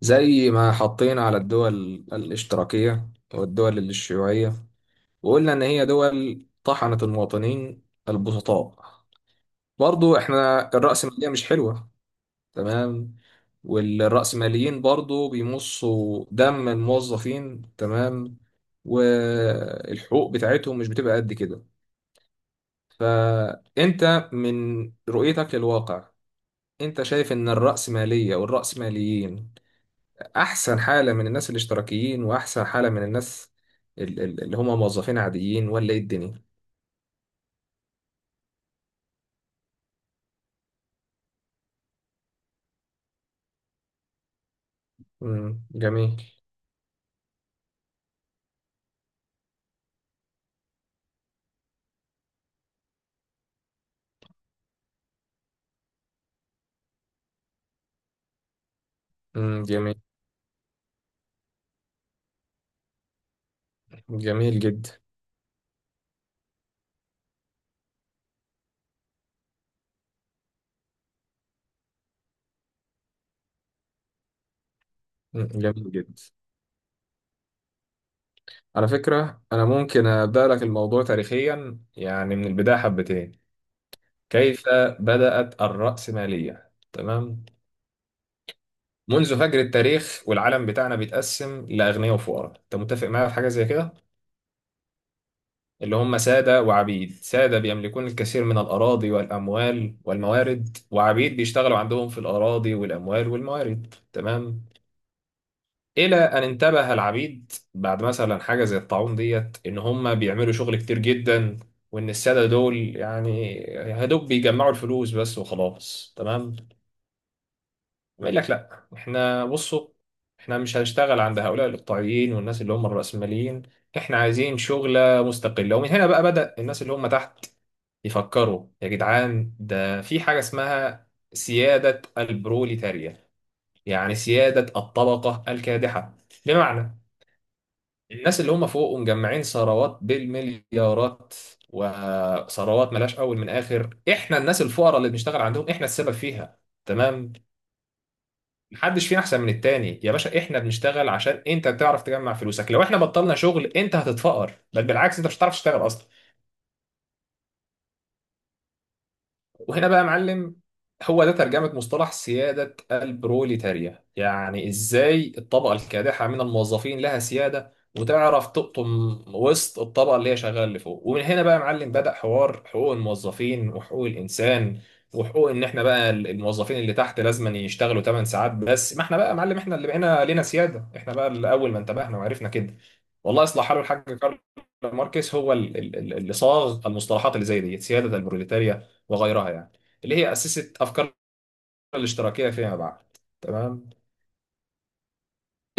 زي ما حطينا على الدول الاشتراكية والدول الشيوعية، وقلنا إن هي دول طحنت المواطنين البسطاء. برضو إحنا الرأسمالية مش حلوة، تمام، والرأسماليين برضو بيمصوا دم الموظفين، تمام، والحقوق بتاعتهم مش بتبقى قد كده. فأنت من رؤيتك للواقع، أنت شايف إن الرأسمالية والرأسماليين احسن حاله من الناس الاشتراكيين، واحسن حاله من الناس اللي هم موظفين عاديين، ولا ايه الدنيا؟ مم. جميل. مم. جميل. جميل جدا. مم. جميل جدا. على فكره انا ممكن ابدا لك الموضوع تاريخيا، يعني من البدايه حبتين. كيف بدات الراسماليه؟ تمام. منذ فجر التاريخ والعالم بتاعنا بيتقسم لاغنياء وفقراء. انت متفق معايا في حاجه زي كده؟ اللي هم سادة وعبيد. سادة بيملكون الكثير من الأراضي والأموال والموارد، وعبيد بيشتغلوا عندهم في الأراضي والأموال والموارد، تمام. إلى أن انتبه العبيد بعد مثلا حاجة زي الطاعون ديت إن هم بيعملوا شغل كتير جدا، وإن السادة دول يعني يا دوب بيجمعوا الفلوس بس وخلاص، تمام. يقول لك لأ، إحنا بصوا، إحنا مش هنشتغل عند هؤلاء الإقطاعيين والناس اللي هم الرأسماليين. إحنا عايزين شغلة مستقلة. ومن هنا بقى بدأ الناس اللي هم تحت يفكروا: يا جدعان، ده في حاجة اسمها سيادة البروليتاريا، يعني سيادة الطبقة الكادحة. بمعنى، الناس اللي هم فوق ومجمعين ثروات بالمليارات، وثروات ملاش أول من آخر، إحنا الناس الفقراء اللي بنشتغل عندهم إحنا السبب فيها، تمام. محدش فينا أحسن من التاني يا باشا. إحنا بنشتغل عشان أنت بتعرف تجمع فلوسك. لو إحنا بطلنا شغل أنت هتتفقر، بل بالعكس، أنت مش هتعرف تشتغل أصلا. وهنا بقى يا معلم، هو ده ترجمة مصطلح سيادة البروليتاريا. يعني ازاي الطبقة الكادحة من الموظفين لها سيادة، وتعرف تقطم وسط الطبقة اللي هي شغالة اللي فوق. ومن هنا بقى يا معلم بدأ حوار حقوق الموظفين وحقوق الإنسان، وحقوق ان احنا بقى الموظفين اللي تحت لازم يشتغلوا 8 ساعات بس. ما احنا بقى يا معلم احنا اللي بقينا لنا سيادة، احنا بقى اللي اول ما انتبهنا وعرفنا كده. والله يصلح حاله الحاج كارل ماركس هو اللي صاغ المصطلحات اللي زي دي، سيادة البروليتاريا وغيرها، يعني، اللي هي أسست أفكار الاشتراكية فيما بعد، تمام.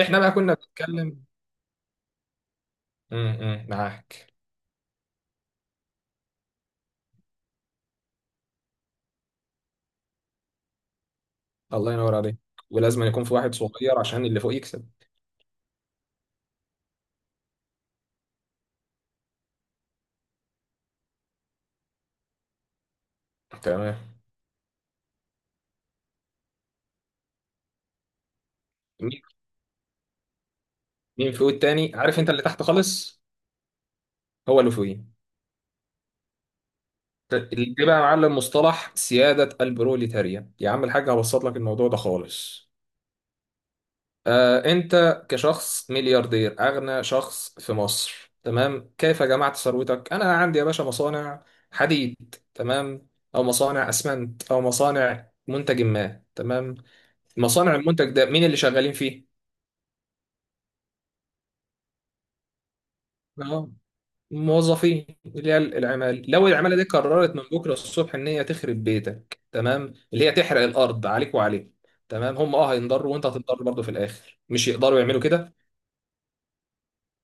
احنا بقى كنا بنتكلم. معاك. الله ينور عليك. ولازم يكون في واحد صغير عشان اللي فوق يكسب، تمام. مين؟ مين فوق التاني؟ عارف، انت اللي تحت خالص هو اللي فوقيه. اللي بقى يا معلم مصطلح سيادة البروليتاريا. يا عم الحاج، هبسط لك الموضوع ده خالص. أنت كشخص ملياردير أغنى شخص في مصر، تمام، كيف جمعت ثروتك؟ أنا عندي يا باشا مصانع حديد، تمام، أو مصانع أسمنت، أو مصانع منتج ما، تمام. مصانع المنتج ده مين اللي شغالين فيه؟ آه، موظفين، اللي هي العمال. لو العمالة دي قررت من بكرة الصبح إن هي تخرب بيتك، تمام، اللي هي تحرق الأرض عليك وعليك، تمام، هم هينضروا وأنت هتنضر برضه في الآخر. مش يقدروا يعملوا كده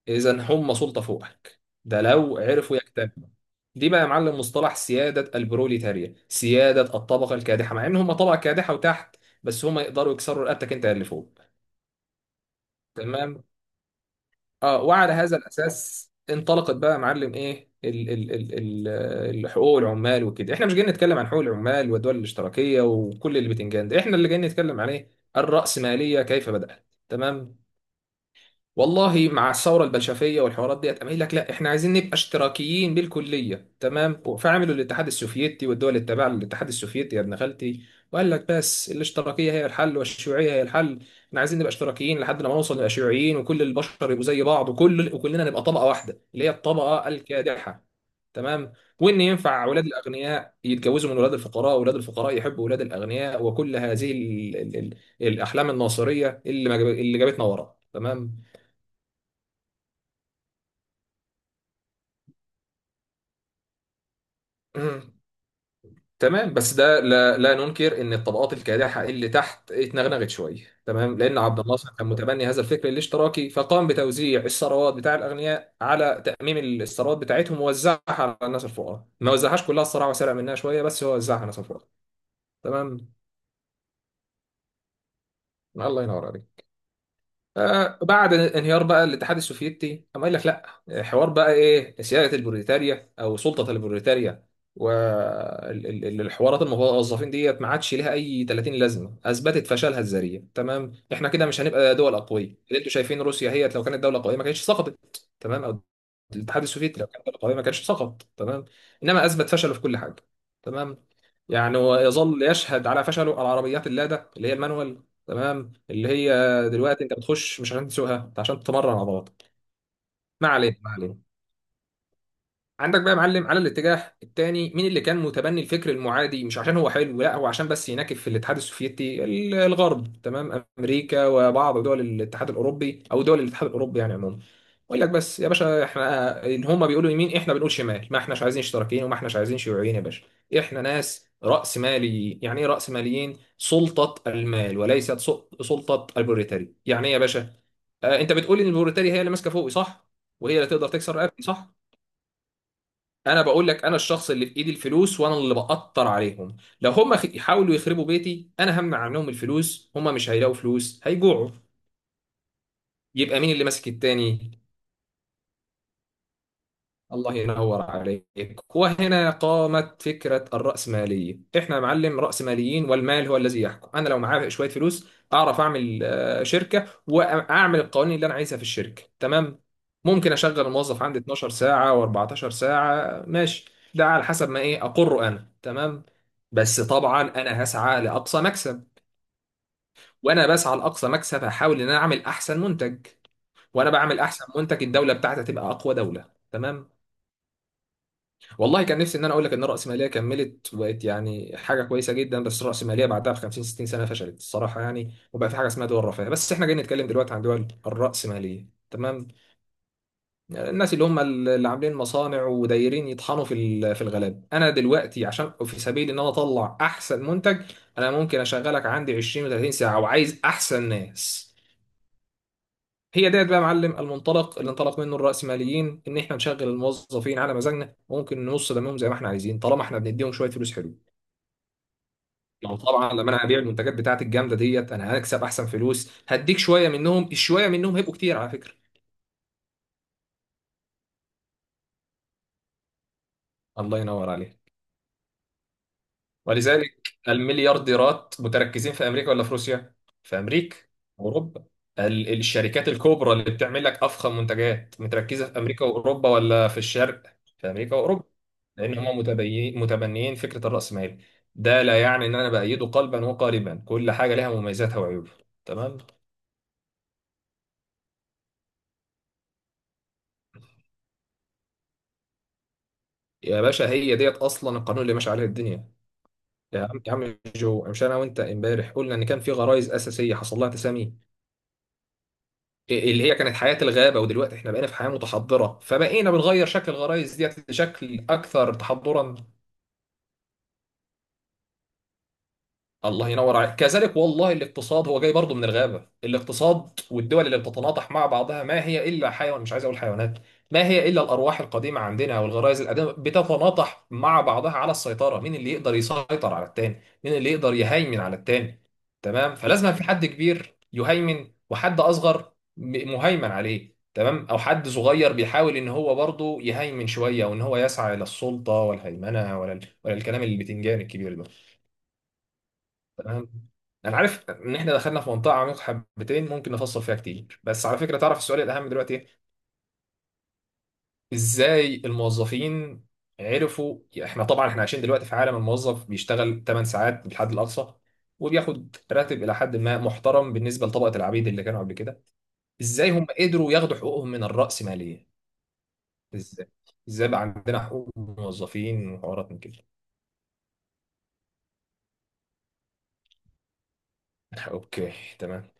إذا هم سلطة فوقك؟ ده لو عرفوا يجتمعوا. دي بقى يا معلم مصطلح سيادة البروليتاريا، سيادة الطبقة الكادحة. مع إن هم طبقة كادحة وتحت، بس هم يقدروا يكسروا رقبتك أنت اللي فوق، تمام. اه وعلى هذا الأساس انطلقت بقى يا معلم إيه ال ال ال ال حقوق العمال وكده. إحنا مش جايين نتكلم عن حقوق العمال والدول الاشتراكية وكل اللي بتنجان ده. إحنا اللي جايين نتكلم عليه الرأسمالية كيف بدأت، تمام. والله مع الثوره البلشفيه والحوارات ديت، قام قايل لك لا، احنا عايزين نبقى اشتراكيين بالكليه، تمام. فعملوا الاتحاد السوفيتي والدول اللي تابعه للاتحاد السوفيتي يا ابن خالتي، وقال لك بس الاشتراكيه هي الحل والشيوعيه هي الحل. احنا عايزين نبقى اشتراكيين لحد لما نوصل نبقى شيوعيين، وكل البشر يبقوا زي بعض، وكلنا نبقى طبقه واحده اللي هي الطبقه الكادحه، تمام. وان ينفع اولاد الاغنياء يتجوزوا من اولاد الفقراء، واولاد الفقراء يحبوا اولاد الاغنياء، وكل هذه ال ال ال الاحلام الناصريه، اللي ما جاب- اللي جابتنا ورا، تمام. مم. تمام، بس ده لا، لا ننكر ان الطبقات الكادحه اللي تحت اتنغنغت شويه، تمام، لان عبد الناصر كان متبني هذا الفكر الاشتراكي، فقام بتوزيع الثروات بتاع الاغنياء، على تاميم الثروات بتاعتهم ووزعها على الناس الفقراء. ما وزعهاش كلها الصراحه، وسرق منها شويه، بس هو وزعها على الناس الفقراء، تمام. الله ينور عليك. بعد انهيار بقى الاتحاد السوفيتي، قام قايل لك لا، حوار بقى ايه سياده البروليتاريا او سلطه البروليتاريا والحوارات الموظفين ديت ما عادش ليها اي 30 لازمه. اثبتت فشلها الذريع، تمام. احنا كده مش هنبقى دول اقويه. اللي انتوا شايفين روسيا هي لو كانت دوله قويه ما كانتش سقطت، تمام. او الاتحاد السوفيتي لو كانت دوله قويه ما كانش سقط، تمام. انما اثبت فشله في كل حاجه، تمام. يعني ويظل يشهد على فشله العربيات اللاده اللي هي المانوال، تمام، اللي هي دلوقتي انت بتخش مش عشان تسوقها، انت عشان تمرن عضلاتك. ما علينا، ما علينا. عندك بقى يا معلم على الاتجاه الثاني مين اللي كان متبني الفكر المعادي؟ مش عشان هو حلو، لا، هو عشان بس يناكف في الاتحاد السوفيتي. الغرب، تمام، امريكا وبعض دول الاتحاد الاوروبي، او دول الاتحاد الاوروبي يعني عموما. يقول لك بس يا باشا احنا، ان هم بيقولوا يمين احنا بنقول شمال، ما احناش عايزين اشتراكيين وما احناش عايزين شيوعيين يا باشا. احنا ناس راس ماليين. يعني ايه راس ماليين؟ سلطه المال، وليست سلطه البروليتاري. يعني ايه يا باشا؟ انت بتقول ان البروتاري هي اللي ماسكه فوقي، صح؟ وهي اللي تقدر تكسر رقبتي، صح؟ انا بقول لك انا الشخص اللي في ايدي الفلوس، وانا اللي بقطر عليهم. لو هم يحاولوا يخربوا بيتي، انا همنع عنهم الفلوس، هم مش هيلاقوا فلوس، هيجوعوا. يبقى مين اللي ماسك التاني؟ الله ينور عليك. وهنا قامت فكرة الرأسمالية. احنا يا معلم رأسماليين، والمال هو الذي يحكم. انا لو معايا شوية فلوس، اعرف اعمل شركة واعمل القوانين اللي انا عايزها في الشركة، تمام. ممكن اشغل الموظف عندي 12 ساعة و14 ساعة، ماشي، ده على حسب ما ايه اقره انا، تمام. بس طبعا انا هسعى لاقصى مكسب، وانا بسعى لاقصى مكسب هحاول ان انا اعمل احسن منتج، وانا بعمل احسن منتج الدولة بتاعتي تبقى اقوى دولة، تمام. والله كان نفسي ان انا اقول لك ان الرأسمالية كملت وبقت يعني حاجة كويسة جدا، بس الرأسمالية بعدها ب 50 60 سنة فشلت الصراحة يعني، وبقى في حاجة اسمها دول رفاهية. بس احنا جايين نتكلم دلوقتي عن دول الرأسمالية، تمام. الناس اللي هم اللي عاملين مصانع ودايرين يطحنوا في في الغلاب. انا دلوقتي عشان في سبيل ان انا اطلع احسن منتج، انا ممكن اشغلك عندي 20 و30 ساعة، وعايز احسن ناس. هي ديت بقى يا معلم المنطلق اللي انطلق منه الرأسماليين، ان احنا نشغل الموظفين على مزاجنا، وممكن ننص دمهم زي ما احنا عايزين، طالما احنا بنديهم شويه فلوس، حلو. لو طبعا لما انا هبيع المنتجات بتاعتي الجامده ديت انا هكسب احسن فلوس، هديك شويه منهم. الشويه منهم هيبقوا كتير على فكره. الله ينور عليك. ولذلك المليارديرات متركزين في امريكا ولا في روسيا؟ في امريكا واوروبا. الشركات الكبرى اللي بتعمل لك افخم منتجات، متركزه في امريكا واوروبا ولا في الشرق؟ في امريكا واوروبا، لان هم متبنيين فكره الراسمالي. ده لا يعني ان انا بايده قلبا وقالبا، كل حاجه لها مميزاتها وعيوبها، تمام. يا باشا هي ديت اصلا القانون اللي ماشي عليه الدنيا. يا عم يا عم جو، مش انا وانت امبارح قلنا ان كان في غرائز اساسيه حصل لها تسامي، اللي هي كانت حياة الغابة؟ ودلوقتي احنا بقينا في حياة متحضرة، فبقينا بنغير شكل الغرايز ديت لشكل أكثر تحضرا. الله ينور عليك كذلك. والله الاقتصاد هو جاي برضه من الغابة. الاقتصاد والدول اللي بتتناطح مع بعضها ما هي إلا حيوان، مش عايز أقول حيوانات، ما هي إلا الأرواح القديمة عندنا والغرائز القديمة بتتناطح مع بعضها على السيطرة. مين اللي يقدر يسيطر على التاني؟ مين اللي يقدر يهيمن على التاني؟ تمام، فلازم في حد كبير يهيمن وحد أصغر مهيمن عليه، تمام، أو حد صغير بيحاول إن هو برضه يهيمن شوية، وإن هو يسعى إلى السلطة والهيمنة، ولا الكلام البتنجان الكبير ده، تمام. انا عارف ان احنا دخلنا في منطقه عميقه حبتين، ممكن نفصل فيها كتير، بس على فكره تعرف السؤال الاهم دلوقتي ايه؟ ازاي الموظفين عرفوا؟ احنا طبعا احنا عايشين دلوقتي في عالم الموظف بيشتغل 8 ساعات بالحد الاقصى، وبياخد راتب الى حد ما محترم بالنسبه لطبقه العبيد اللي كانوا قبل كده. ازاي هم قدروا ياخدوا حقوقهم من الرأسماليه؟ ازاي؟ ازاي بقى عندنا حقوق موظفين وحوارات من كده؟ اوكي. تمام.